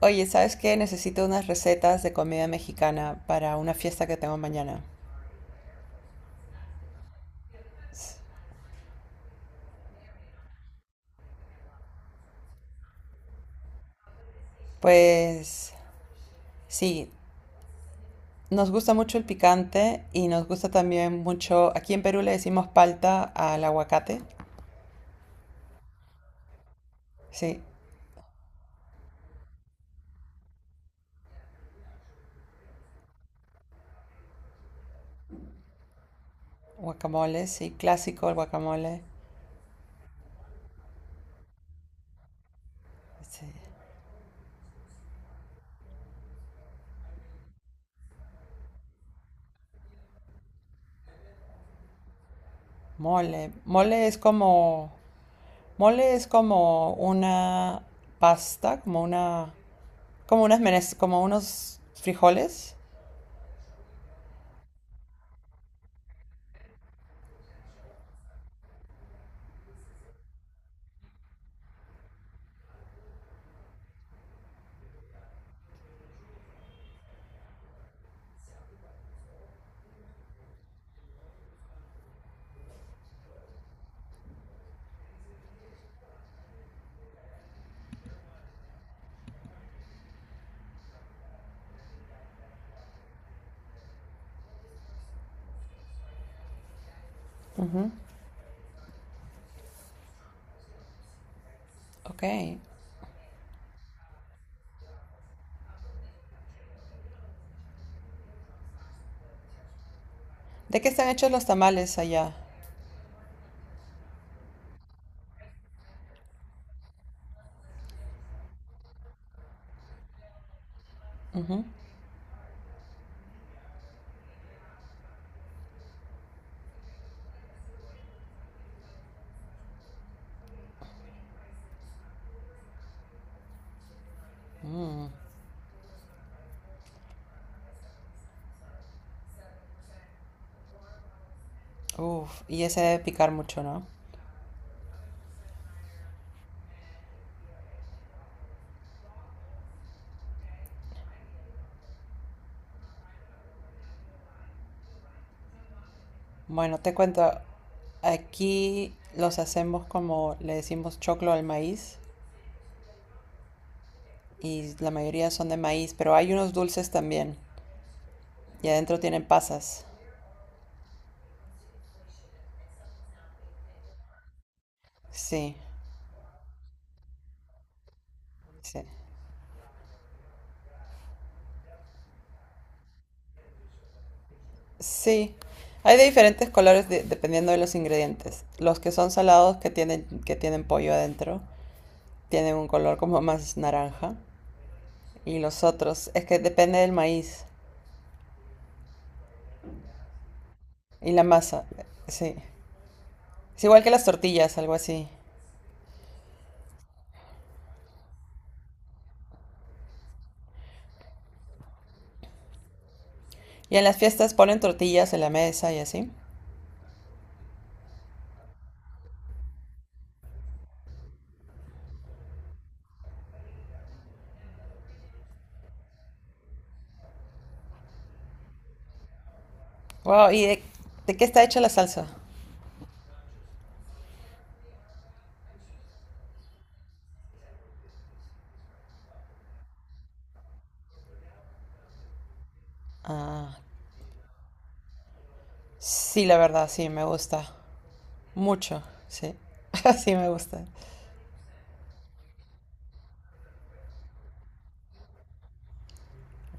Oye, ¿sabes qué? Necesito unas recetas de comida mexicana para una fiesta que tengo mañana. Pues sí, nos gusta mucho el picante y nos gusta también mucho, aquí en Perú le decimos palta al aguacate. Sí, guacamole, sí, clásico el guacamole. Sí, mole. Mole es como una pasta, como como unos frijoles. Ujú. Ok. ¿De qué están hechos los tamales allá? Ujú. Mm. Uf, y ese debe picar mucho, ¿no? Bueno, te cuento, aquí los hacemos como, le decimos choclo al maíz, y la mayoría son de maíz, pero hay unos dulces también y adentro tienen pasas. Sí, sí. Sí, hay de diferentes colores dependiendo de los ingredientes. Los que son salados que tienen pollo adentro tienen un color como más naranja y los otros es que depende del maíz. Y la masa, sí. Es igual que las tortillas, algo así. Y en las fiestas ponen tortillas en la mesa y así. Wow, ¿de qué está hecha la salsa? Ah, sí, la verdad, sí, me gusta. Mucho, sí. Sí, me gusta.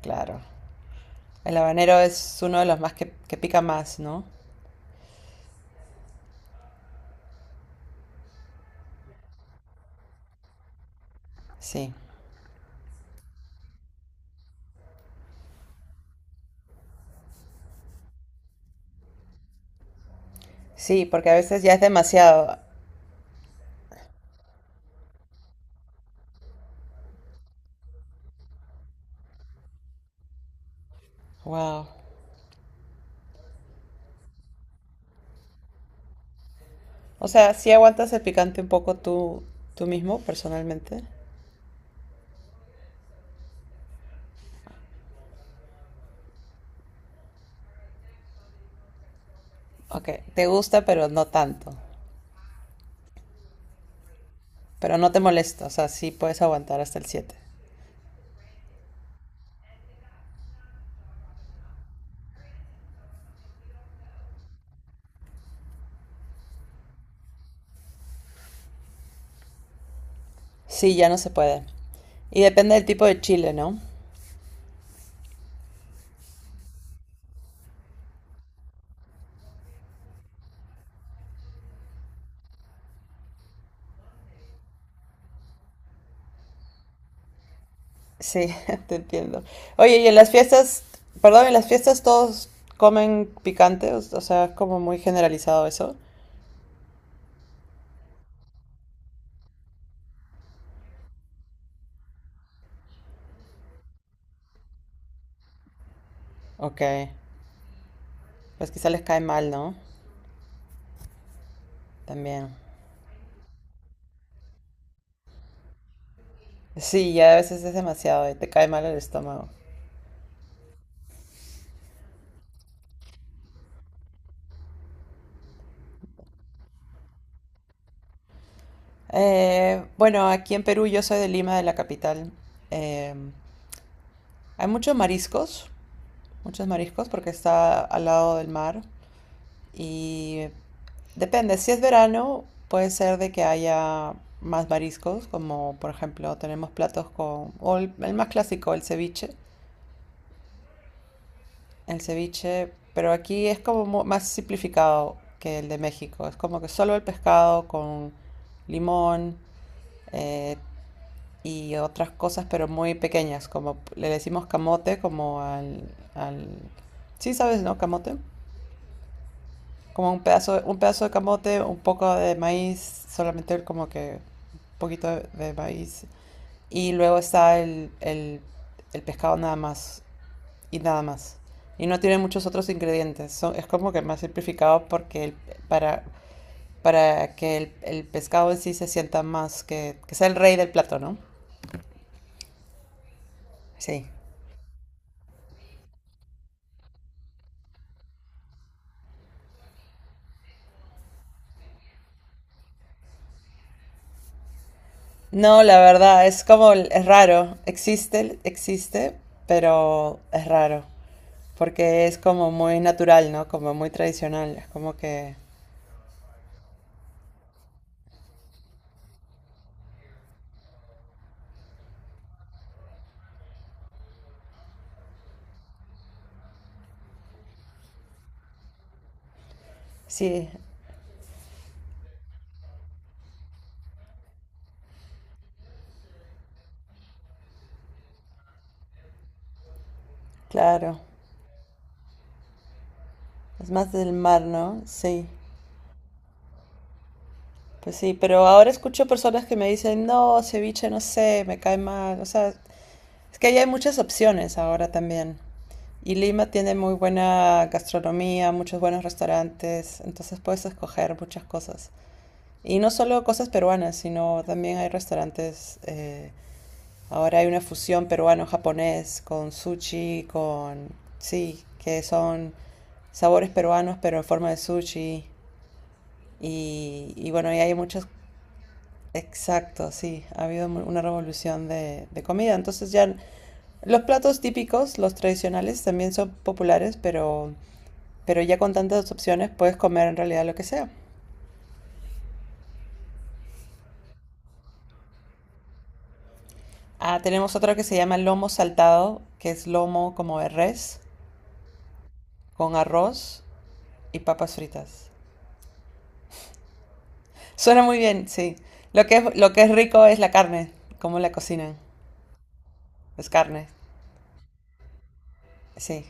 Claro. El habanero es uno de los más que pica más, ¿no? Sí. Sí, porque a veces ya es demasiado. Wow. O sea, sí aguantas el picante un poco tú, tú mismo, personalmente. Ok, te gusta, pero no tanto. Pero no te molesta, o sea, sí puedes aguantar hasta el siete. Sí, ya no se puede. Y depende del tipo de chile, ¿no? Sí, te entiendo. Oye, y en las fiestas, perdón, en las fiestas todos comen picante, o sea, es como muy generalizado eso. Ok, pues quizá les cae mal, ¿no? También. Sí, ya a veces es demasiado y te cae mal el estómago. Bueno, aquí en Perú yo soy de Lima, de la capital. Eh, hay muchos mariscos porque está al lado del mar. Y depende, si es verano, puede ser de que haya más mariscos, como por ejemplo tenemos platos con, el más clásico, el ceviche. El ceviche, pero aquí es como más simplificado que el de México. Es como que solo el pescado con limón, eh, y otras cosas, pero muy pequeñas, como le decimos camote, al... Sí, sabes, ¿no? Camote. Como un pedazo de camote, un poco de maíz, solamente como que un poquito de maíz. Y luego está el pescado nada más. Y nada más. Y no tiene muchos otros ingredientes. Son, es como que más simplificado porque para, para que el pescado en sí se sienta más, que sea el rey del plato, ¿no? Sí. No, la verdad, es como, es raro. Existe, pero es raro. Porque es como muy natural, ¿no? Como muy tradicional. Es como que, sí, claro. Es más del mar, ¿no? Sí. Pues sí, pero ahora escucho personas que me dicen, no, ceviche, no sé, me cae mal. O sea, es que ahí hay muchas opciones ahora también. Y Lima tiene muy buena gastronomía, muchos buenos restaurantes, entonces puedes escoger muchas cosas. Y no solo cosas peruanas, sino también hay restaurantes, ahora hay una fusión peruano-japonés con sushi, con... Sí, que son sabores peruanos, pero en forma de sushi. Y bueno, y hay muchos... Exacto, sí. Ha habido una revolución de comida. Entonces ya los platos típicos, los tradicionales, también son populares, pero ya con tantas opciones puedes comer en realidad lo que sea. Ah, tenemos otro que se llama lomo saltado, que es lomo como de res, con arroz y papas fritas. Suena muy bien, sí. Lo que es rico es la carne, cómo la cocinan. Es carne, sí.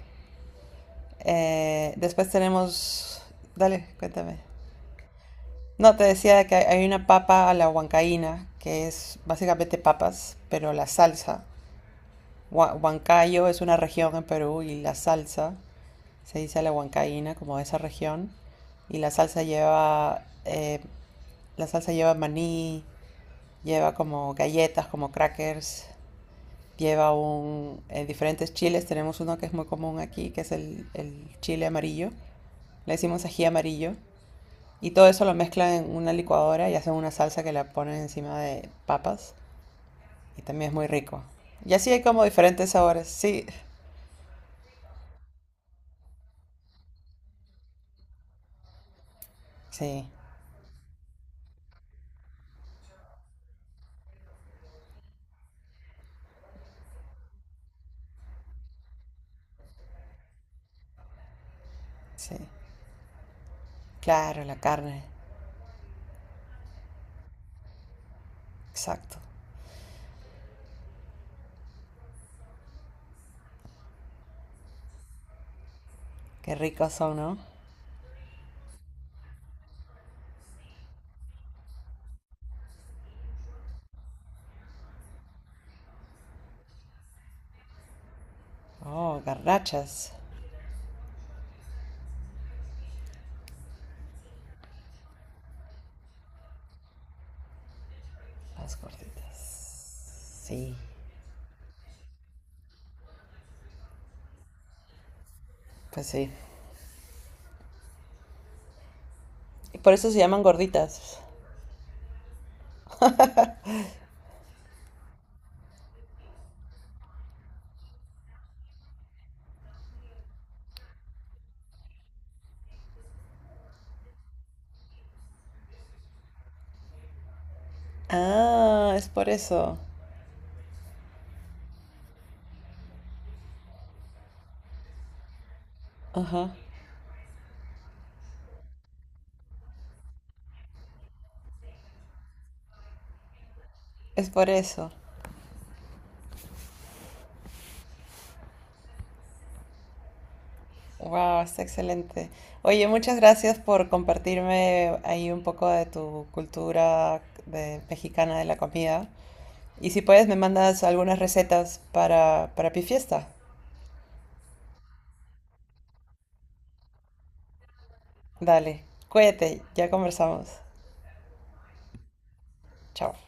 Después tenemos... Dale, cuéntame. No, te decía que hay una papa a la huancaína, que es básicamente papas, pero la salsa. Huancayo es una región en Perú y la salsa se dice la huancaína, como de esa región. Y la salsa lleva maní, lleva como galletas, como crackers, lleva un, diferentes chiles. Tenemos uno que es muy común aquí, que es el chile amarillo. Le decimos ají amarillo. Y todo eso lo mezclan en una licuadora y hacen una salsa que la ponen encima de papas. Y también es muy rico. Y así hay como diferentes sabores. Sí, sí, sí. Claro, la carne. Exacto. Qué ricos son, ¿no? Oh, garrachas. Las gorditas. Sí, pues sí. Y por eso se llaman gorditas. Ah, es por eso. Ajá. Es por eso. Wow, está excelente. Oye, muchas gracias por compartirme ahí un poco de tu cultura mexicana de la comida. Y si puedes, me mandas algunas recetas para pi fiesta. Dale, cuídate, ya conversamos. Chao.